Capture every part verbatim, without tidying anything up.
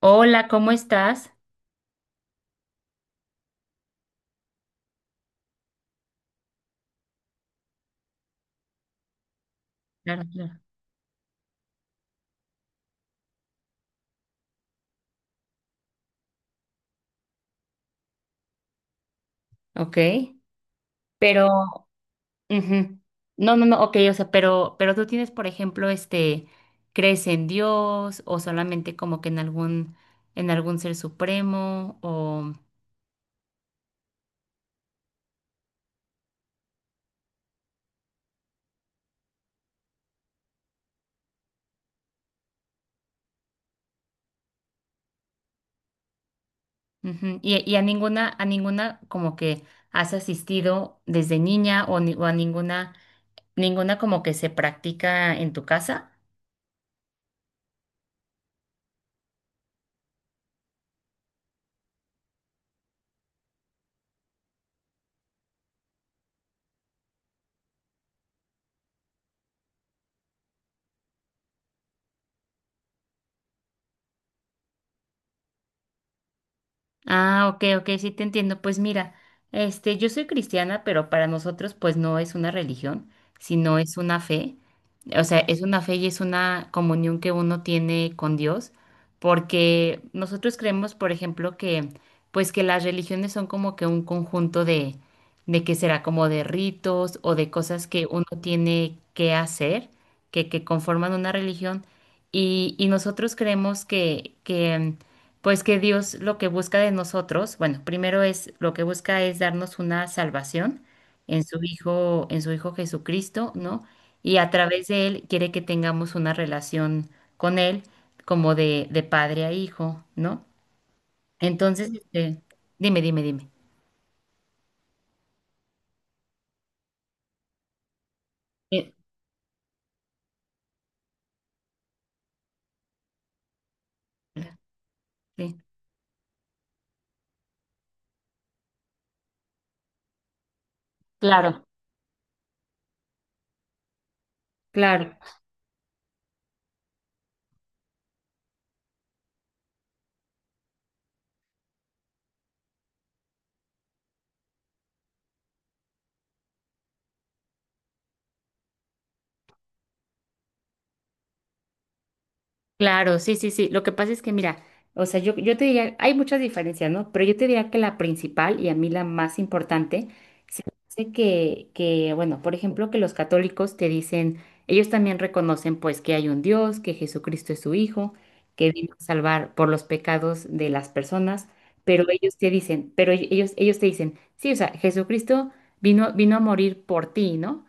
Hola, ¿cómo estás? Claro, claro. Ok. Pero, ujú. No, no, no, ok, o sea, pero, pero tú tienes, por ejemplo, este, ¿crees en Dios o solamente como que en algún, en algún ser supremo o, ujú, Y, y a ninguna, a ninguna como que has asistido desde niña o, ni- o a ninguna, ninguna como que se practica en tu casa? Ah, ok, ok, sí te entiendo. Pues mira, este, yo soy cristiana, pero para nosotros pues no es una religión, sino es una fe. O sea, es una fe y es una comunión que uno tiene con Dios, porque nosotros creemos, por ejemplo, que pues que las religiones son como que un conjunto de de que será como de ritos o de cosas que uno tiene que hacer, que que conforman una religión. Y, y nosotros creemos que, que, pues que Dios lo que busca de nosotros, bueno, primero es lo que busca es darnos una salvación en su Hijo, en su Hijo Jesucristo, ¿no? Y a través de Él quiere que tengamos una relación con Él como de, de padre a hijo, ¿no? Entonces, este, dime, dime, dime. Eh, Sí, Claro, claro. Claro, sí, sí, sí. Lo que pasa es que, mira, o sea, yo, yo te diría, hay muchas diferencias, ¿no? Pero yo te diría que la principal y a mí la más importante, se me hace que, que, bueno, por ejemplo, que los católicos te dicen, ellos también reconocen, pues, que hay un Dios, que Jesucristo es su Hijo, que vino a salvar por los pecados de las personas, pero ellos te dicen, pero ellos, ellos te dicen, sí, o sea, Jesucristo vino, vino a morir por ti, ¿no?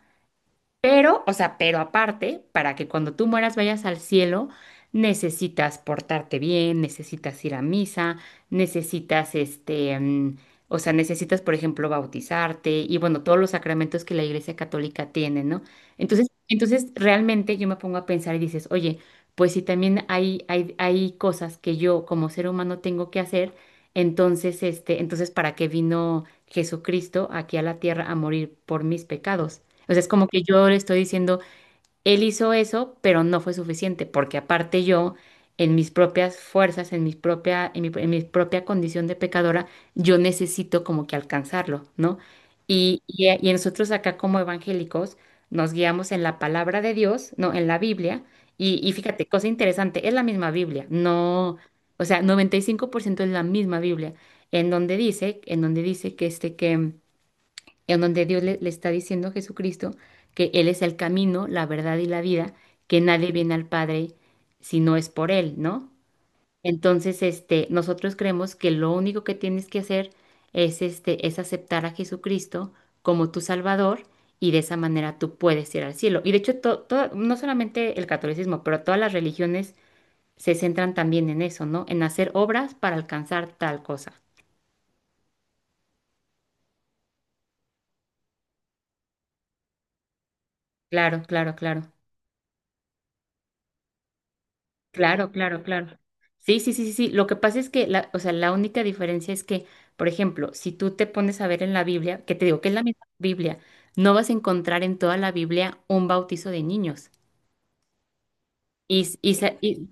Pero, o sea, pero aparte, para que cuando tú mueras vayas al cielo, necesitas portarte bien, necesitas ir a misa, necesitas este, mm, o sea, necesitas, por ejemplo, bautizarte y bueno, todos los sacramentos que la Iglesia Católica tiene, ¿no? Entonces, entonces realmente yo me pongo a pensar y dices, oye, pues si también hay, hay, hay cosas que yo como ser humano tengo que hacer, entonces, este, entonces, ¿para qué vino Jesucristo aquí a la tierra a morir por mis pecados? O sea, es como que yo le estoy diciendo, él hizo eso, pero no fue suficiente, porque aparte yo, en mis propias fuerzas, en mis propia, en mi, en mi propia condición de pecadora, yo necesito como que alcanzarlo, ¿no? Y, y, y nosotros acá como evangélicos nos guiamos en la palabra de Dios, ¿no? En la Biblia. Y, y fíjate, cosa interesante, es la misma Biblia, no, o sea, noventa y cinco por ciento es la misma Biblia, en donde dice, en donde dice que este que en donde Dios le, le está diciendo a Jesucristo que Él es el camino, la verdad y la vida, que nadie viene al Padre si no es por Él, ¿no? Entonces, este, nosotros creemos que lo único que tienes que hacer es, este, es aceptar a Jesucristo como tu Salvador y de esa manera tú puedes ir al cielo. Y de hecho, to- to- no solamente el catolicismo, pero todas las religiones se centran también en eso, ¿no? En hacer obras para alcanzar tal cosa. Claro, claro, claro. Claro, claro, claro. Sí, sí, sí, sí, sí. Lo que pasa es que, la, o sea, la única diferencia es que, por ejemplo, si tú te pones a ver en la Biblia, que te digo que es la misma Biblia, no vas a encontrar en toda la Biblia un bautizo de niños. Y, s- y, sa- y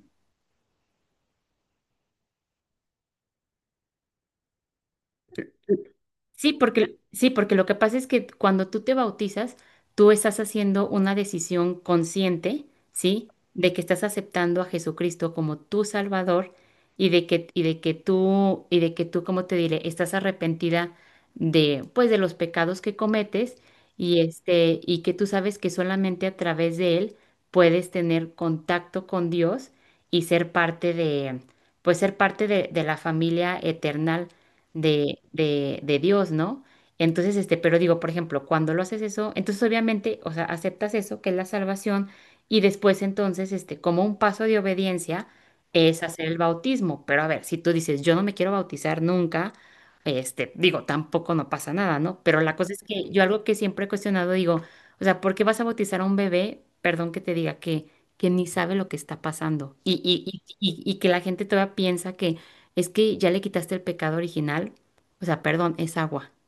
Sí, porque, sí, porque lo que pasa es que cuando tú te bautizas, tú estás haciendo una decisión consciente, ¿sí? De que estás aceptando a Jesucristo como tu Salvador y de que, y de que tú, y de que tú, como te diré, estás arrepentida de, pues, de los pecados que cometes y este, y que tú sabes que solamente a través de Él puedes tener contacto con Dios y ser parte de, pues, ser parte de, de la familia eterna de, de, de Dios, ¿no? Entonces, este, pero digo, por ejemplo, cuando lo haces eso, entonces obviamente, o sea, aceptas eso, que es la salvación, y después entonces, este, como un paso de obediencia, es hacer el bautismo. Pero a ver, si tú dices, yo no me quiero bautizar nunca, este, digo, tampoco no pasa nada, ¿no? Pero la cosa es que yo algo que siempre he cuestionado, digo, o sea, ¿por qué vas a bautizar a un bebé? Perdón que te diga que, que ni sabe lo que está pasando y, y, y, y y que la gente todavía piensa es que ya le quitaste el pecado original, o sea, perdón, es agua.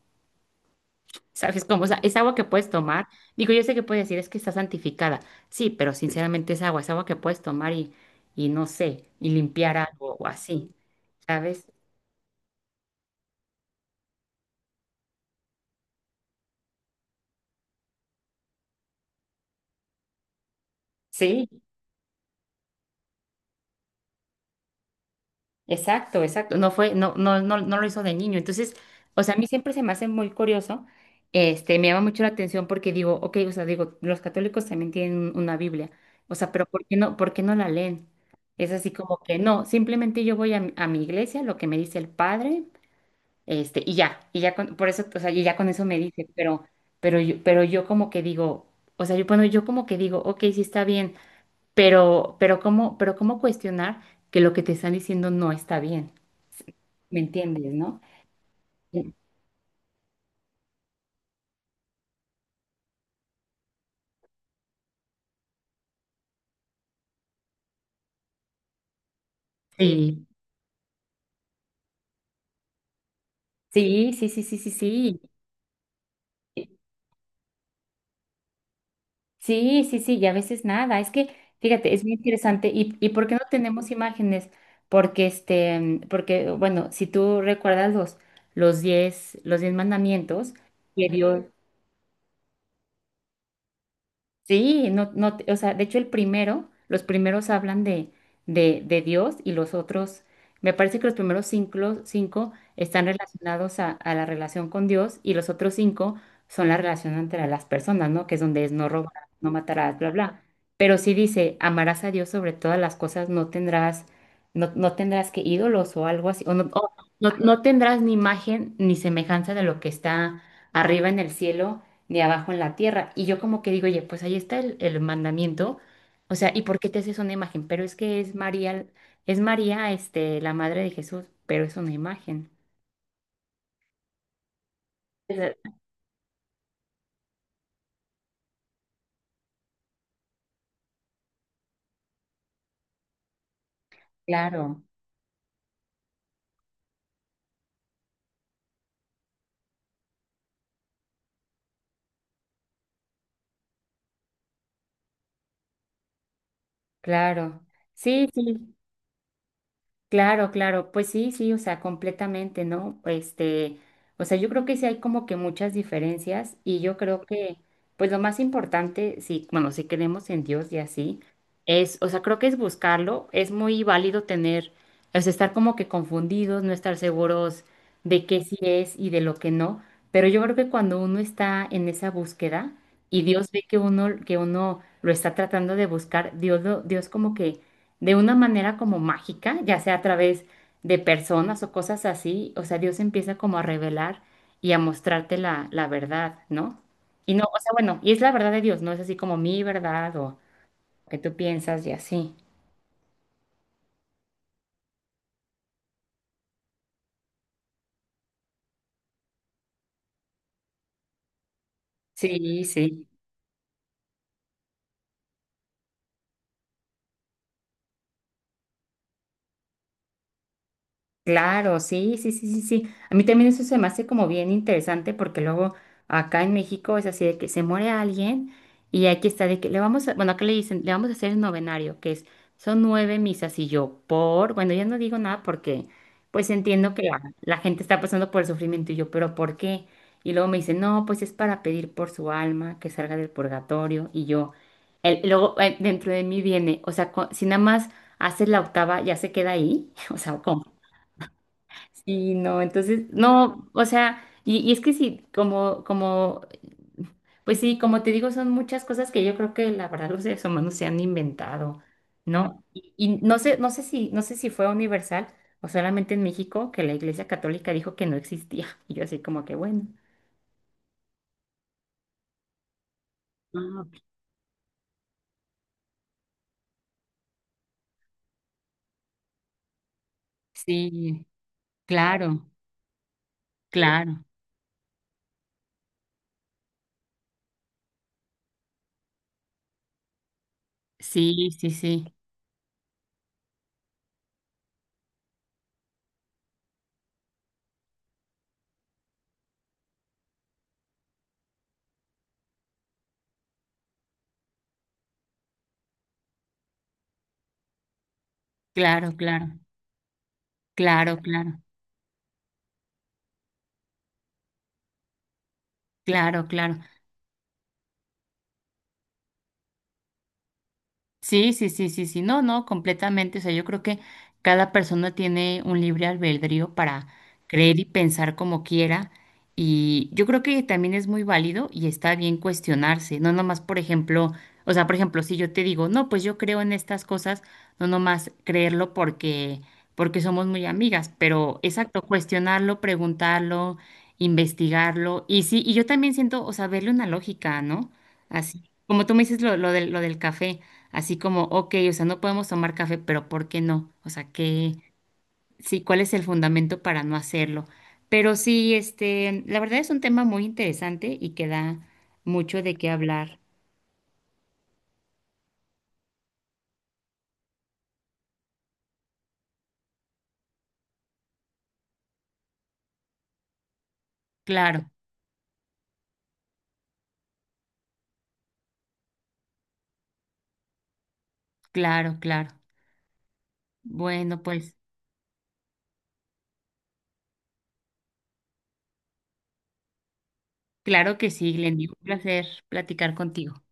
¿Sabes cómo? O sea, es agua que puedes tomar. Digo, yo sé que puedes decir es que está santificada. Sí, pero sinceramente es agua, es agua que puedes tomar y, y no sé, y limpiar algo o así, ¿sabes? Sí. Exacto, exacto. No fue, no, no, no, no lo hizo de niño. Entonces, o sea, a mí siempre se me hace muy curioso, este, me llama mucho la atención porque digo, ok, o sea, digo, los católicos también tienen una Biblia. O sea, pero ¿por qué no, ¿por qué no la leen? Es así como que no, simplemente yo voy a, mi a mi iglesia, lo que me dice el padre, este, y ya, y ya con, por eso, o sea, y ya con eso me dice, pero, pero yo, pero yo como que digo, o sea, yo, bueno, yo como que digo, ok, sí está bien, pero, pero cómo, pero cómo cuestionar que lo que te están diciendo no está bien. ¿Me entiendes, no? Sí, Sí, sí, sí, sí, sí, sí. Sí, sí, sí, y a veces nada. Es que, fíjate, es muy interesante. ¿Y, y por qué no tenemos imágenes? Porque, este, porque, bueno, si tú recuerdas los, los diez, los diez mandamientos que Dios, Sí, no, no, te- o sea, de hecho el primero, los primeros hablan de, de, de Dios y los otros, me parece que los primeros cinco, cinco están relacionados a, a la relación con Dios y los otros cinco son la relación entre las personas, ¿no? Que es donde es no robarás, no matarás, bla, bla. Pero sí dice, amarás a Dios sobre todas las cosas, no tendrás, no, no tendrás que ídolos o algo así, o no, o no no tendrás ni imagen ni semejanza de lo que está arriba en el cielo de abajo en la tierra. Y yo como que digo, oye, pues ahí está el, el mandamiento. O sea, ¿y por qué te haces una imagen? Pero es que es María, es María, este, la madre de Jesús, pero es una imagen. O Claro, claro. Sí, sí. Claro, claro, pues sí, sí, o sea, completamente, ¿no? Este, o sea, yo creo que sí hay como que muchas diferencias y yo creo que, pues lo más importante, sí, bueno, si creemos en Dios y así, es, o sea, creo que es buscarlo, es muy válido tener, o sea, estar como que confundidos, no estar seguros de qué sí es y de lo que no, pero yo creo que cuando uno está en esa búsqueda y Dios ve que uno, que uno lo está tratando de buscar, Dios, lo- Dios como que de una manera como mágica, ya sea a través de personas o cosas así, o sea, Dios empieza como a revelar y a mostrarte la, la verdad, ¿no? Y no, o sea, bueno, y es la verdad de Dios, no es así como mi verdad o lo que tú piensas y así. Sí, sí. Claro, sí, sí, sí, sí, sí. A mí también eso se me hace como bien interesante porque luego acá en México es así de que se muere alguien y aquí está de que le vamos a, bueno, acá le dicen, le vamos a hacer el novenario, que es, son nueve misas y yo por, bueno, yo no digo nada porque pues entiendo que la, la gente está pasando por el sufrimiento y yo, pero ¿por qué? Y luego me dicen, no, pues es para pedir por su alma que salga del purgatorio y yo, el, luego eh, dentro de mí viene, o sea, co- si nada más haces la octava ya se queda ahí, o sea, ¿cómo? Sí, no, entonces, no, o sea, y, y es que sí, como, como, pues sí, como te digo, son muchas cosas que yo creo que la verdad los seres humanos se han inventado, ¿no? Y, y no sé, no sé si, no sé si fue universal o solamente en México que la Iglesia Católica dijo que no existía. Y yo así como que, bueno. Ah, ok. Sí, claro, claro. Sí, sí, sí. Claro, claro. Claro, claro. Claro, claro. Sí, sí, sí, sí, sí, no, no, completamente. O sea, yo creo que cada persona tiene un libre albedrío para creer y pensar como quiera. Y yo creo que también es muy válido y está bien cuestionarse. No nomás, por ejemplo, o sea, por ejemplo, si yo te digo, no, pues yo creo en estas cosas, no nomás creerlo porque, porque somos muy amigas, pero exacto, cuestionarlo, preguntarlo, investigarlo. Y sí, y yo también siento, o sea, verle una lógica, ¿no? Así, como tú me dices lo, lo del, lo del café, así como, ok, o sea, no podemos tomar café, pero ¿por qué no? O sea, qué sí, ¿cuál es el fundamento para no hacerlo? Pero sí, este, la verdad es un tema muy interesante y que da mucho de qué hablar. Claro, claro, claro. Bueno, pues, claro que sí, Glendy, un placer platicar contigo.